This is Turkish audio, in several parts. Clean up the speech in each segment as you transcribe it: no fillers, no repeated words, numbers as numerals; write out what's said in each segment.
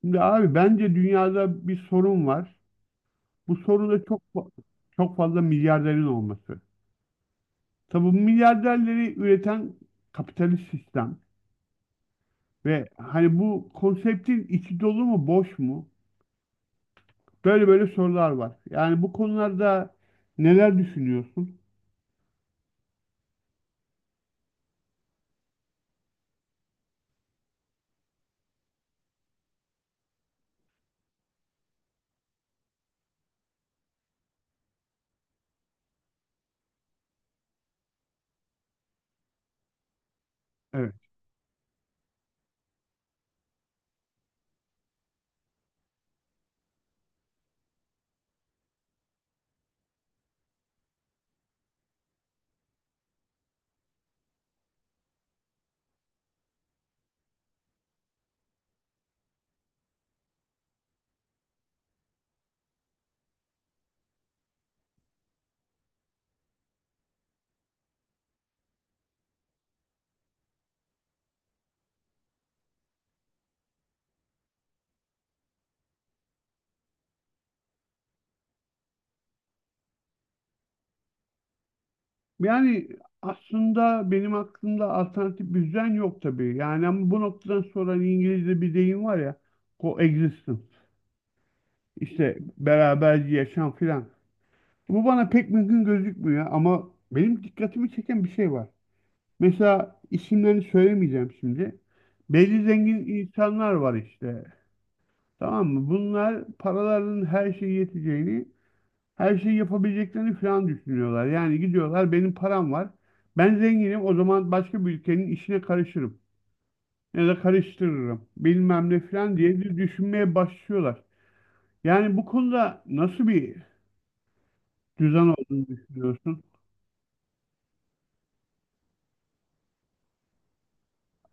Şimdi abi bence dünyada bir sorun var. Bu sorun da çok fazla milyarderin olması. Tabii bu milyarderleri üreten kapitalist sistem ve hani bu konseptin içi dolu mu boş mu? Böyle böyle sorular var. Yani bu konularda neler düşünüyorsun? Evet. Yani aslında benim aklımda alternatif bir düzen yok tabii. Yani ama bu noktadan sonra hani İngilizce bir deyim var ya, coexistence. İşte beraberce yaşam filan. Bu bana pek mümkün gözükmüyor ama benim dikkatimi çeken bir şey var. Mesela isimlerini söylemeyeceğim şimdi. Belli zengin insanlar var işte. Tamam mı? Bunlar paralarının her şeye yeteceğini, her şeyi yapabileceklerini falan düşünüyorlar. Yani gidiyorlar benim param var. Ben zenginim o zaman başka bir ülkenin işine karışırım. Ya da karıştırırım. Bilmem ne falan diye bir düşünmeye başlıyorlar. Yani bu konuda nasıl bir düzen olduğunu düşünüyorsun?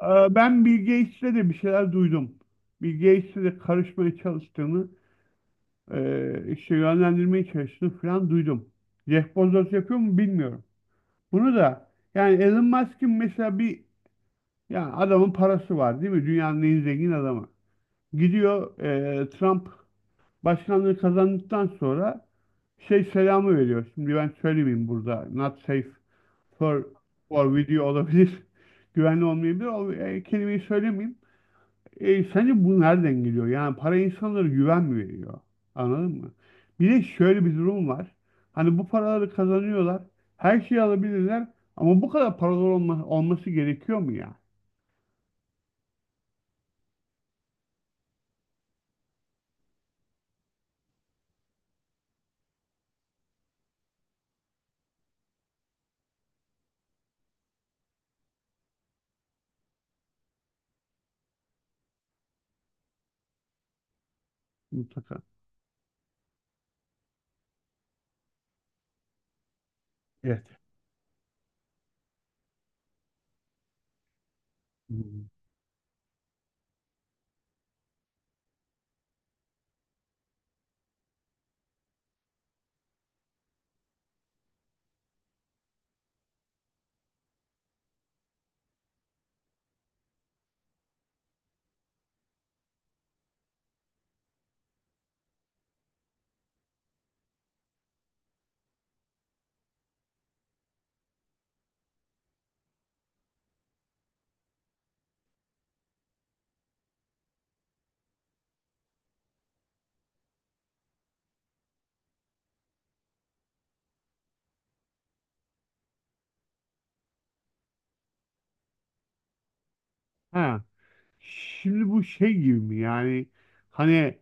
Ben Bill Gates'le de bir şeyler duydum. Bill Gates'le de karışmaya çalıştığını, işte yönlendirmeye çalıştığını falan duydum. Jeff Bezos yapıyor mu bilmiyorum. Bunu da yani Elon Musk'ın mesela yani adamın parası var değil mi? Dünyanın en zengin adamı. Gidiyor Trump başkanlığı kazandıktan sonra şey selamı veriyor. Şimdi ben söylemeyeyim burada. Not safe for, for video olabilir. Güvenli olmayabilir. O kelimeyi söylemeyeyim. Sence bu nereden geliyor? Yani para insanlara güven mi veriyor? Anladın mı? Bir de şöyle bir durum var. Hani bu paraları kazanıyorlar. Her şeyi alabilirler. Ama bu kadar paralar olması gerekiyor mu ya? Mutlaka. Evet. Hı. Ha. Şimdi bu şey gibi mi? Yani hani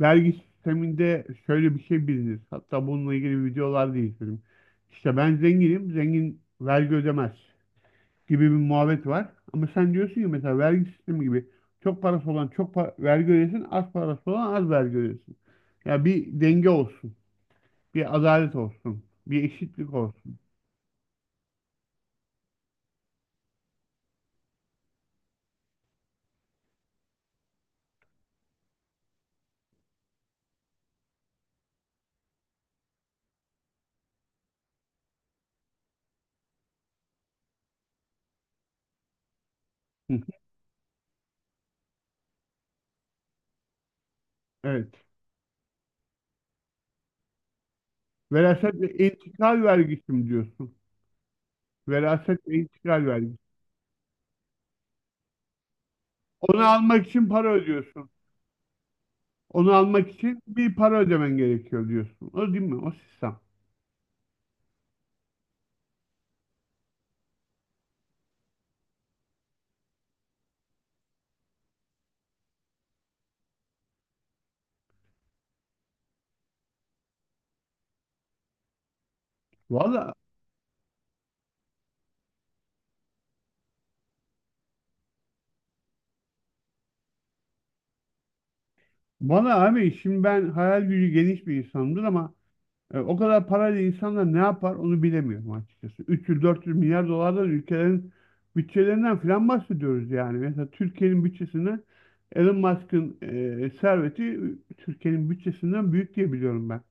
vergi sisteminde şöyle bir şey bilinir. Hatta bununla ilgili videolar da izledim. İşte ben zenginim. Zengin vergi ödemez gibi bir muhabbet var. Ama sen diyorsun ki mesela vergi sistemi gibi çok parası olan vergi ödesin, az parası olan az vergi ödesin. Ya bir denge olsun, bir adalet olsun, bir eşitlik olsun. Hı. Evet. Veraset ve intikal vergisi mi diyorsun? Veraset ve intikal vergisi. Onu almak için para ödüyorsun. Onu almak için bir para ödemen gerekiyor diyorsun. O değil mi? O sistem. Valla bana abi şimdi ben hayal gücü geniş bir insanımdır ama o kadar parayla insanlar ne yapar onu bilemiyorum açıkçası. 300-400 milyar dolardan ülkelerin bütçelerinden falan bahsediyoruz yani. Mesela Türkiye'nin bütçesine Elon Musk'ın serveti Türkiye'nin bütçesinden büyük diye biliyorum ben.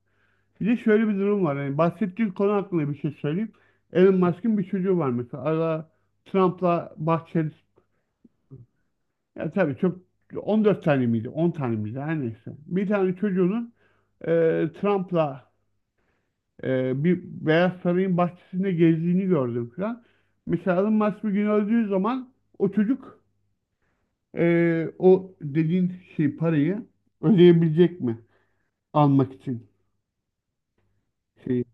Bir de şöyle bir durum var. Yani bahsettiğin konu hakkında bir şey söyleyeyim. Elon Musk'ın bir çocuğu var mesela. Ara Trump'la Bahçeli. Ya tabii çok, 14 tane miydi? 10 tane miydi? Her neyse. Bir tane çocuğunun e, Trump'la bir Beyaz Saray'ın bahçesinde gezdiğini gördüm falan. Mesela Elon Musk bir gün öldüğü zaman o çocuk o dediğin şey parayı ödeyebilecek mi? Almak için şeyi.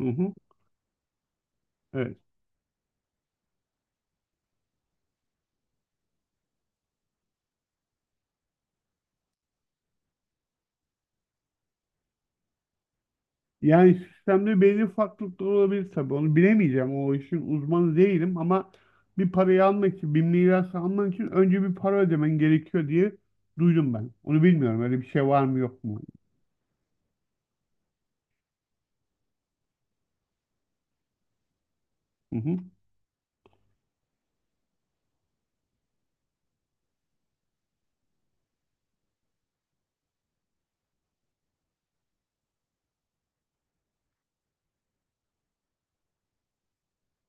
Hı hı. Evet. Yani sistemde belli farklılıklar olabilir tabii. Onu bilemeyeceğim. O işin uzmanı değilim ama bir parayı almak için, bir miras almak için önce bir para ödemen gerekiyor diye duydum ben. Onu bilmiyorum. Öyle bir şey var mı yok mu? Hı hı.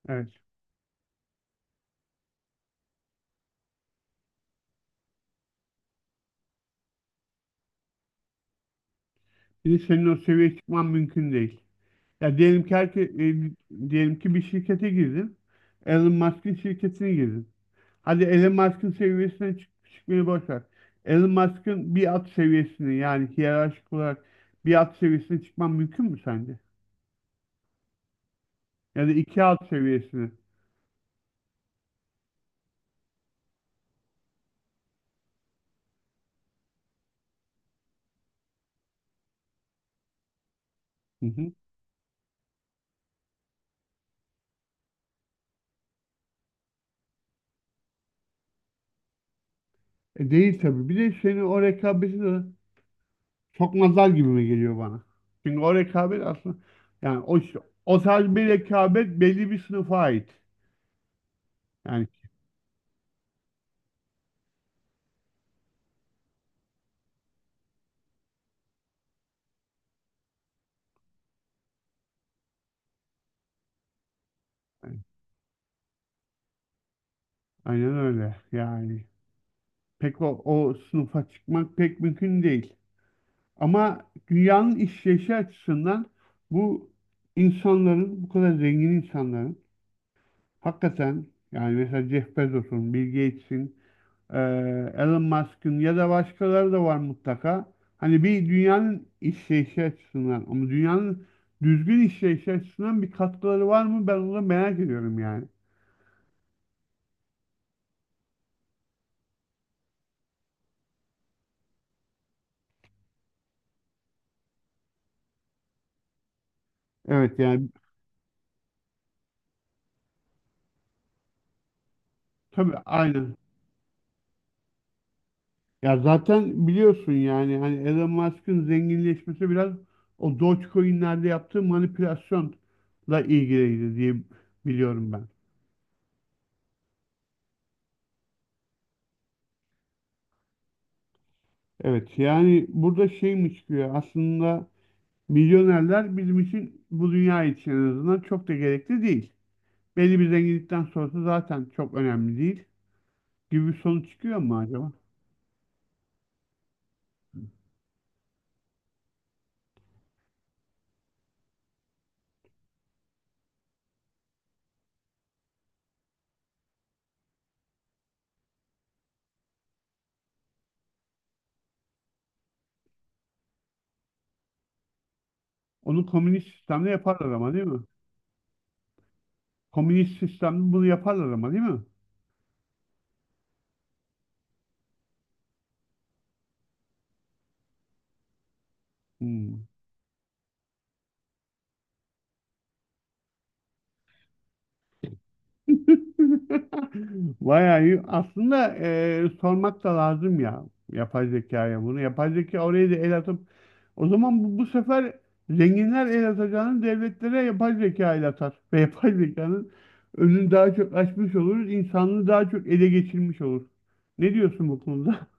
Evet. Şimdi senin o seviyeye çıkman mümkün değil. Ya diyelim ki diyelim ki bir şirkete girdin. Elon Musk'ın şirketine girdin. Hadi Elon Musk'ın seviyesine çık çıkmayı boş ver. Elon Musk'ın bir at seviyesine yani hiyerarşik olarak bir at seviyesine çıkman mümkün mü sence? Ya da iki at seviyesine. Hı hı. E değil tabii. Bir de seni o rekabeti de sokmazlar gibi mi geliyor bana? Çünkü o rekabet aslında yani o, o tarz bir rekabet belli bir sınıfa ait. Yani aynen öyle. Yani pek o sınıfa çıkmak pek mümkün değil. Ama dünyanın işleyişi açısından bu insanların, bu kadar zengin insanların hakikaten yani mesela Jeff Bezos'un, Bill Gates'in, Elon Musk'ın ya da başkaları da var mutlaka. Hani bir dünyanın işleyişi açısından ama dünyanın düzgün işleyişi açısından bir katkıları var mı? Ben onu merak ediyorum yani. Evet yani tabii aynı. Ya zaten biliyorsun yani hani Elon Musk'ın zenginleşmesi biraz o Dogecoin'lerde yaptığı manipülasyonla ilgiliydi diye biliyorum ben. Evet yani burada şey mi çıkıyor aslında milyonerler bizim için bu dünya için en azından çok da gerekli değil. Belli bir zenginlikten sonrası zaten çok önemli değil gibi bir sonuç çıkıyor mu acaba? Onu komünist sistemde yaparlar ama değil mi? Komünist sistemde bunu yaparlar ama değil mi? Hmm. Bayağı iyi. Aslında sormak da lazım ya yapay zekaya bunu. Yapay zeka oraya da el atıp o zaman bu sefer zenginler el atacağını devletlere yapay zeka el atar. Ve yapay zekanın önünü daha çok açmış oluruz. İnsanlığı daha çok ele geçirmiş olur. Ne diyorsun bu konuda?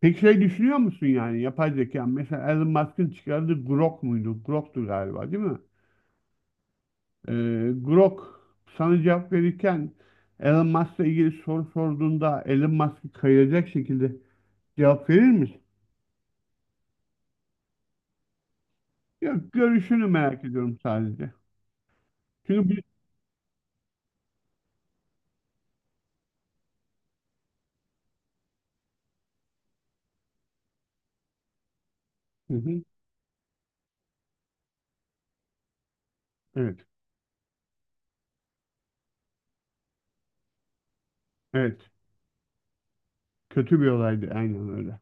Peki şey düşünüyor musun yani yapay zeka? Mesela Elon Musk'ın çıkardığı Grok muydu? Grok'tu galiba değil mi? Grok sana cevap verirken Elon Musk'la ilgili soru sorduğunda Elon Musk'ı kayıracak şekilde cevap verir misin? Yok, görüşünü merak ediyorum sadece. Çünkü bir... Hı hı. Evet, evet. Kötü bir olaydı, aynen öyle.